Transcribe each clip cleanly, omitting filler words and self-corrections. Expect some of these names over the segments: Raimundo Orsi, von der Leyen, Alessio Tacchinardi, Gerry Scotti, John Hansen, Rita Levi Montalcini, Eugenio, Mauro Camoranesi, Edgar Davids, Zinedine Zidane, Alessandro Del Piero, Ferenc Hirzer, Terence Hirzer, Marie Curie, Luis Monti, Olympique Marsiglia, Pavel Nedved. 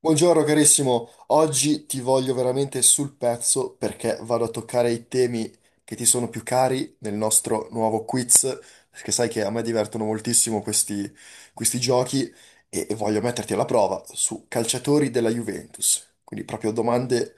Buongiorno carissimo, oggi ti voglio veramente sul pezzo perché vado a toccare i temi che ti sono più cari nel nostro nuovo quiz, perché sai che a me divertono moltissimo questi giochi e voglio metterti alla prova su calciatori della Juventus. Quindi proprio domande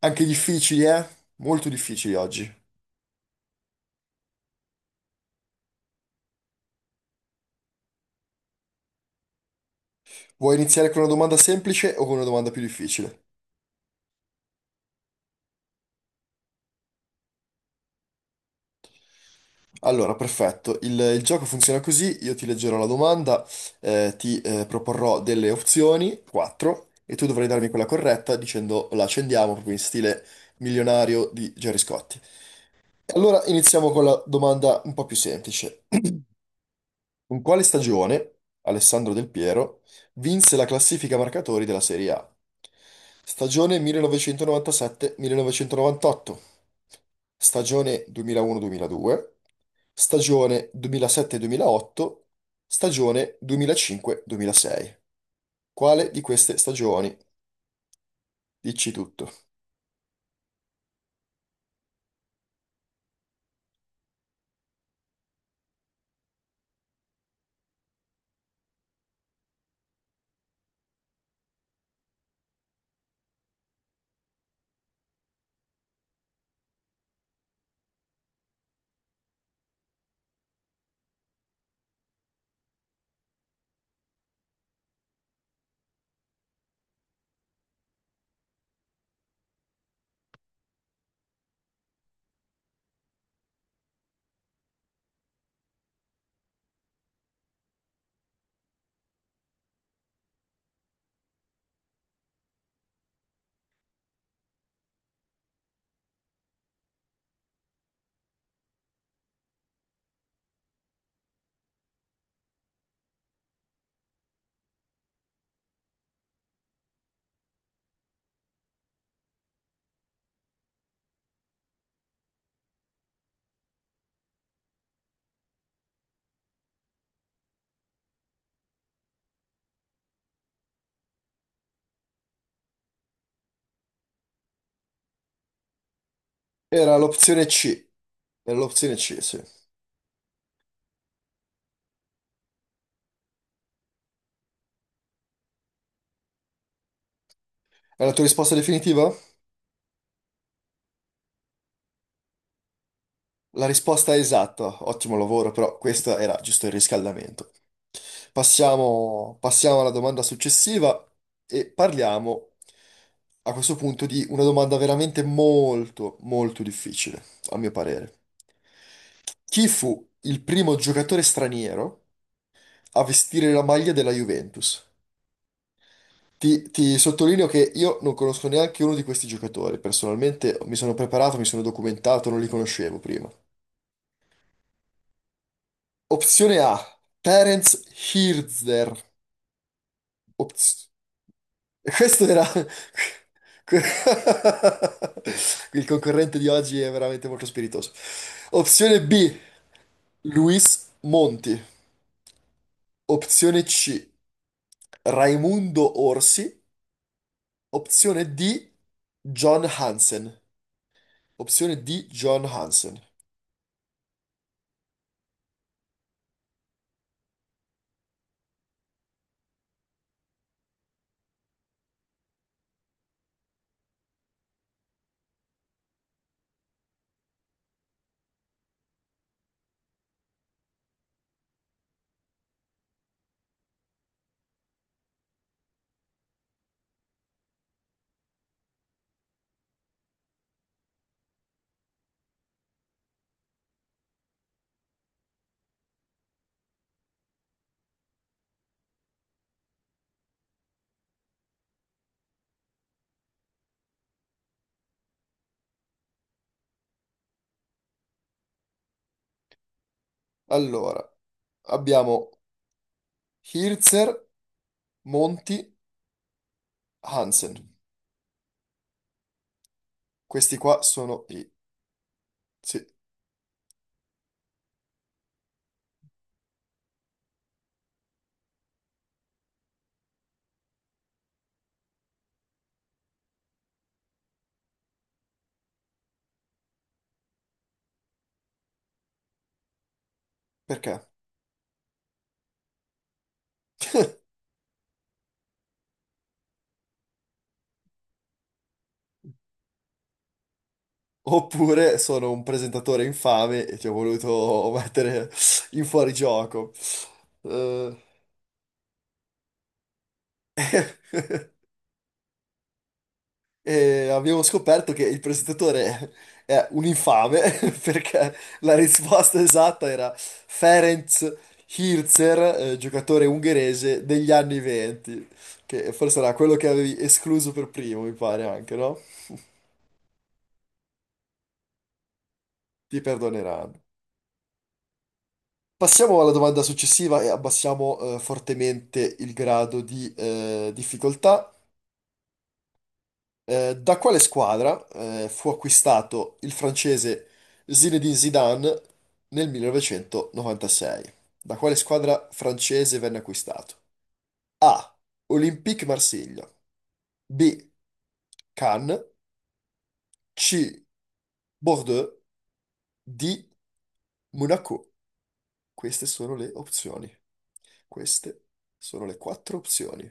anche difficili, eh? Molto difficili oggi. Vuoi iniziare con una domanda semplice o con una domanda più difficile? Allora, perfetto. Il gioco funziona così, io ti leggerò la domanda, ti proporrò delle opzioni, quattro, e tu dovrai darmi quella corretta dicendo la accendiamo proprio in stile milionario di Gerry Scotti. Allora, iniziamo con la domanda un po' più semplice. In quale stagione Alessandro Del Piero vinse la classifica marcatori della Serie A? Stagione 1997-1998, stagione 2001-2002, stagione 2007-2008, stagione 2005-2006. Quale di queste stagioni? Dici tutto. Era l'opzione C, era l'opzione C, sì. È la tua risposta definitiva? La risposta è esatta, ottimo lavoro, però questo era giusto il riscaldamento. Passiamo alla domanda successiva e parliamo a questo punto di una domanda veramente molto, molto difficile, a mio parere. Chi fu il primo giocatore straniero a vestire la maglia della Juventus? Ti sottolineo che io non conosco neanche uno di questi giocatori, personalmente mi sono preparato, mi sono documentato, non li conoscevo prima. Opzione A, Terence Hirzer. Opz- Questo era... Il concorrente di oggi è veramente molto spiritoso. Opzione B, Luis Monti. Opzione C, Raimundo Orsi. Opzione D, John Hansen. Opzione D, John Hansen. Allora, abbiamo Hirzer, Monti, Hansen. Questi qua sono i... Sì, perché? Oppure sono un presentatore infame e ti ho voluto mettere in fuorigioco. Eh, e abbiamo scoperto che il presentatore è un infame perché la risposta esatta era Ferenc Hirzer, giocatore ungherese degli anni 20, che forse era quello che avevi escluso per primo, mi pare anche, no? Ti perdoneranno. Passiamo alla domanda successiva e abbassiamo fortemente il grado di difficoltà. Da quale squadra fu acquistato il francese Zinedine Zidane nel 1996? Da quale squadra francese venne acquistato? A. Olympique Marsiglia. B. Cannes. C. Bordeaux. D. Monaco. Queste sono le opzioni. Queste sono le quattro opzioni.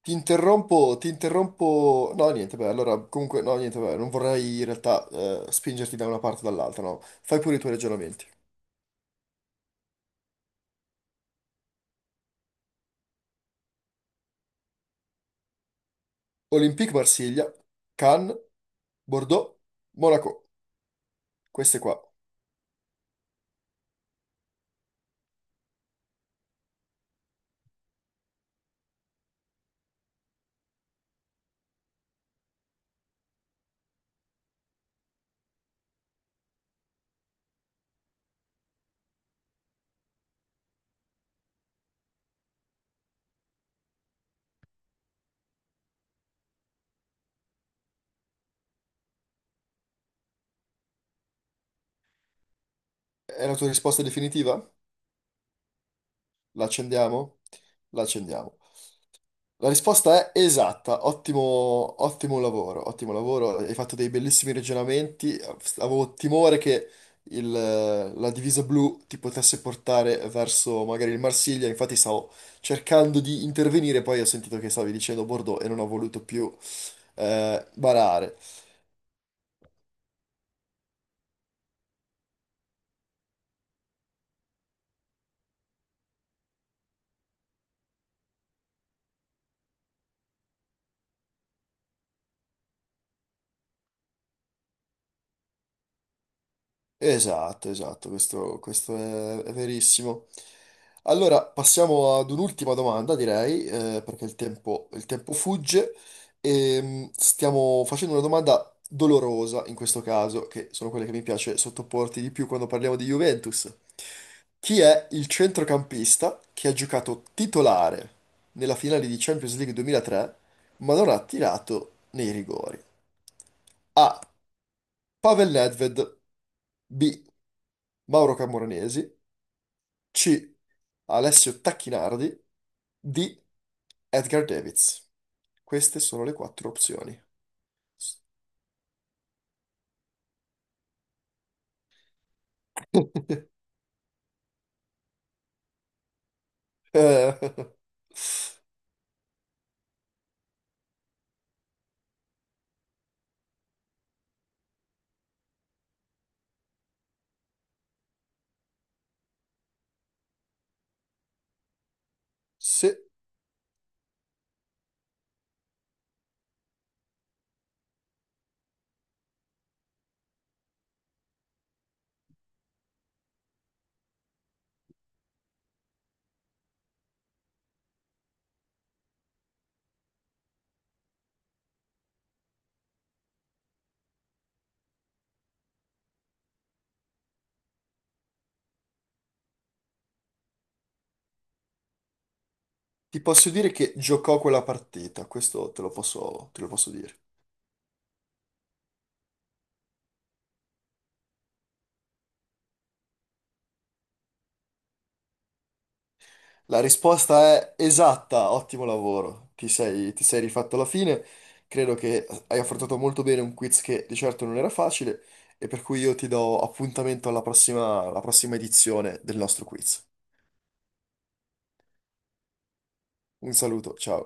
Ti interrompo. No, niente, beh, allora, comunque, no, niente, beh, non vorrei in realtà spingerti da una parte o dall'altra, no. Fai pure i tuoi ragionamenti. Olympique Marsiglia, Cannes, Bordeaux, Monaco. Queste qua. È la tua risposta definitiva? La accendiamo? La accendiamo. La risposta è esatta, ottimo, ottimo lavoro, hai fatto dei bellissimi ragionamenti, avevo timore che la divisa blu ti potesse portare verso magari il Marsiglia, infatti stavo cercando di intervenire, poi ho sentito che stavi dicendo Bordeaux e non ho voluto più barare. Esatto, esatto, questo è verissimo. Allora, passiamo ad un'ultima domanda, direi, perché il tempo fugge. Stiamo facendo una domanda dolorosa in questo caso, che sono quelle che mi piace sottoporti di più quando parliamo di Juventus. Chi è il centrocampista che ha giocato titolare nella finale di Champions League 2003, ma non ha tirato nei rigori? A. Pavel Nedved. B. Mauro Camoranesi. C. Alessio Tacchinardi. D. Edgar Davids. Queste sono le quattro opzioni. S- eh, Se ti posso dire che giocò quella partita, questo te lo posso, dire. La risposta è esatta, ottimo lavoro. Ti sei rifatto alla fine. Credo che hai affrontato molto bene un quiz che di certo non era facile e per cui io ti do appuntamento alla prossima edizione del nostro quiz. Un saluto, ciao.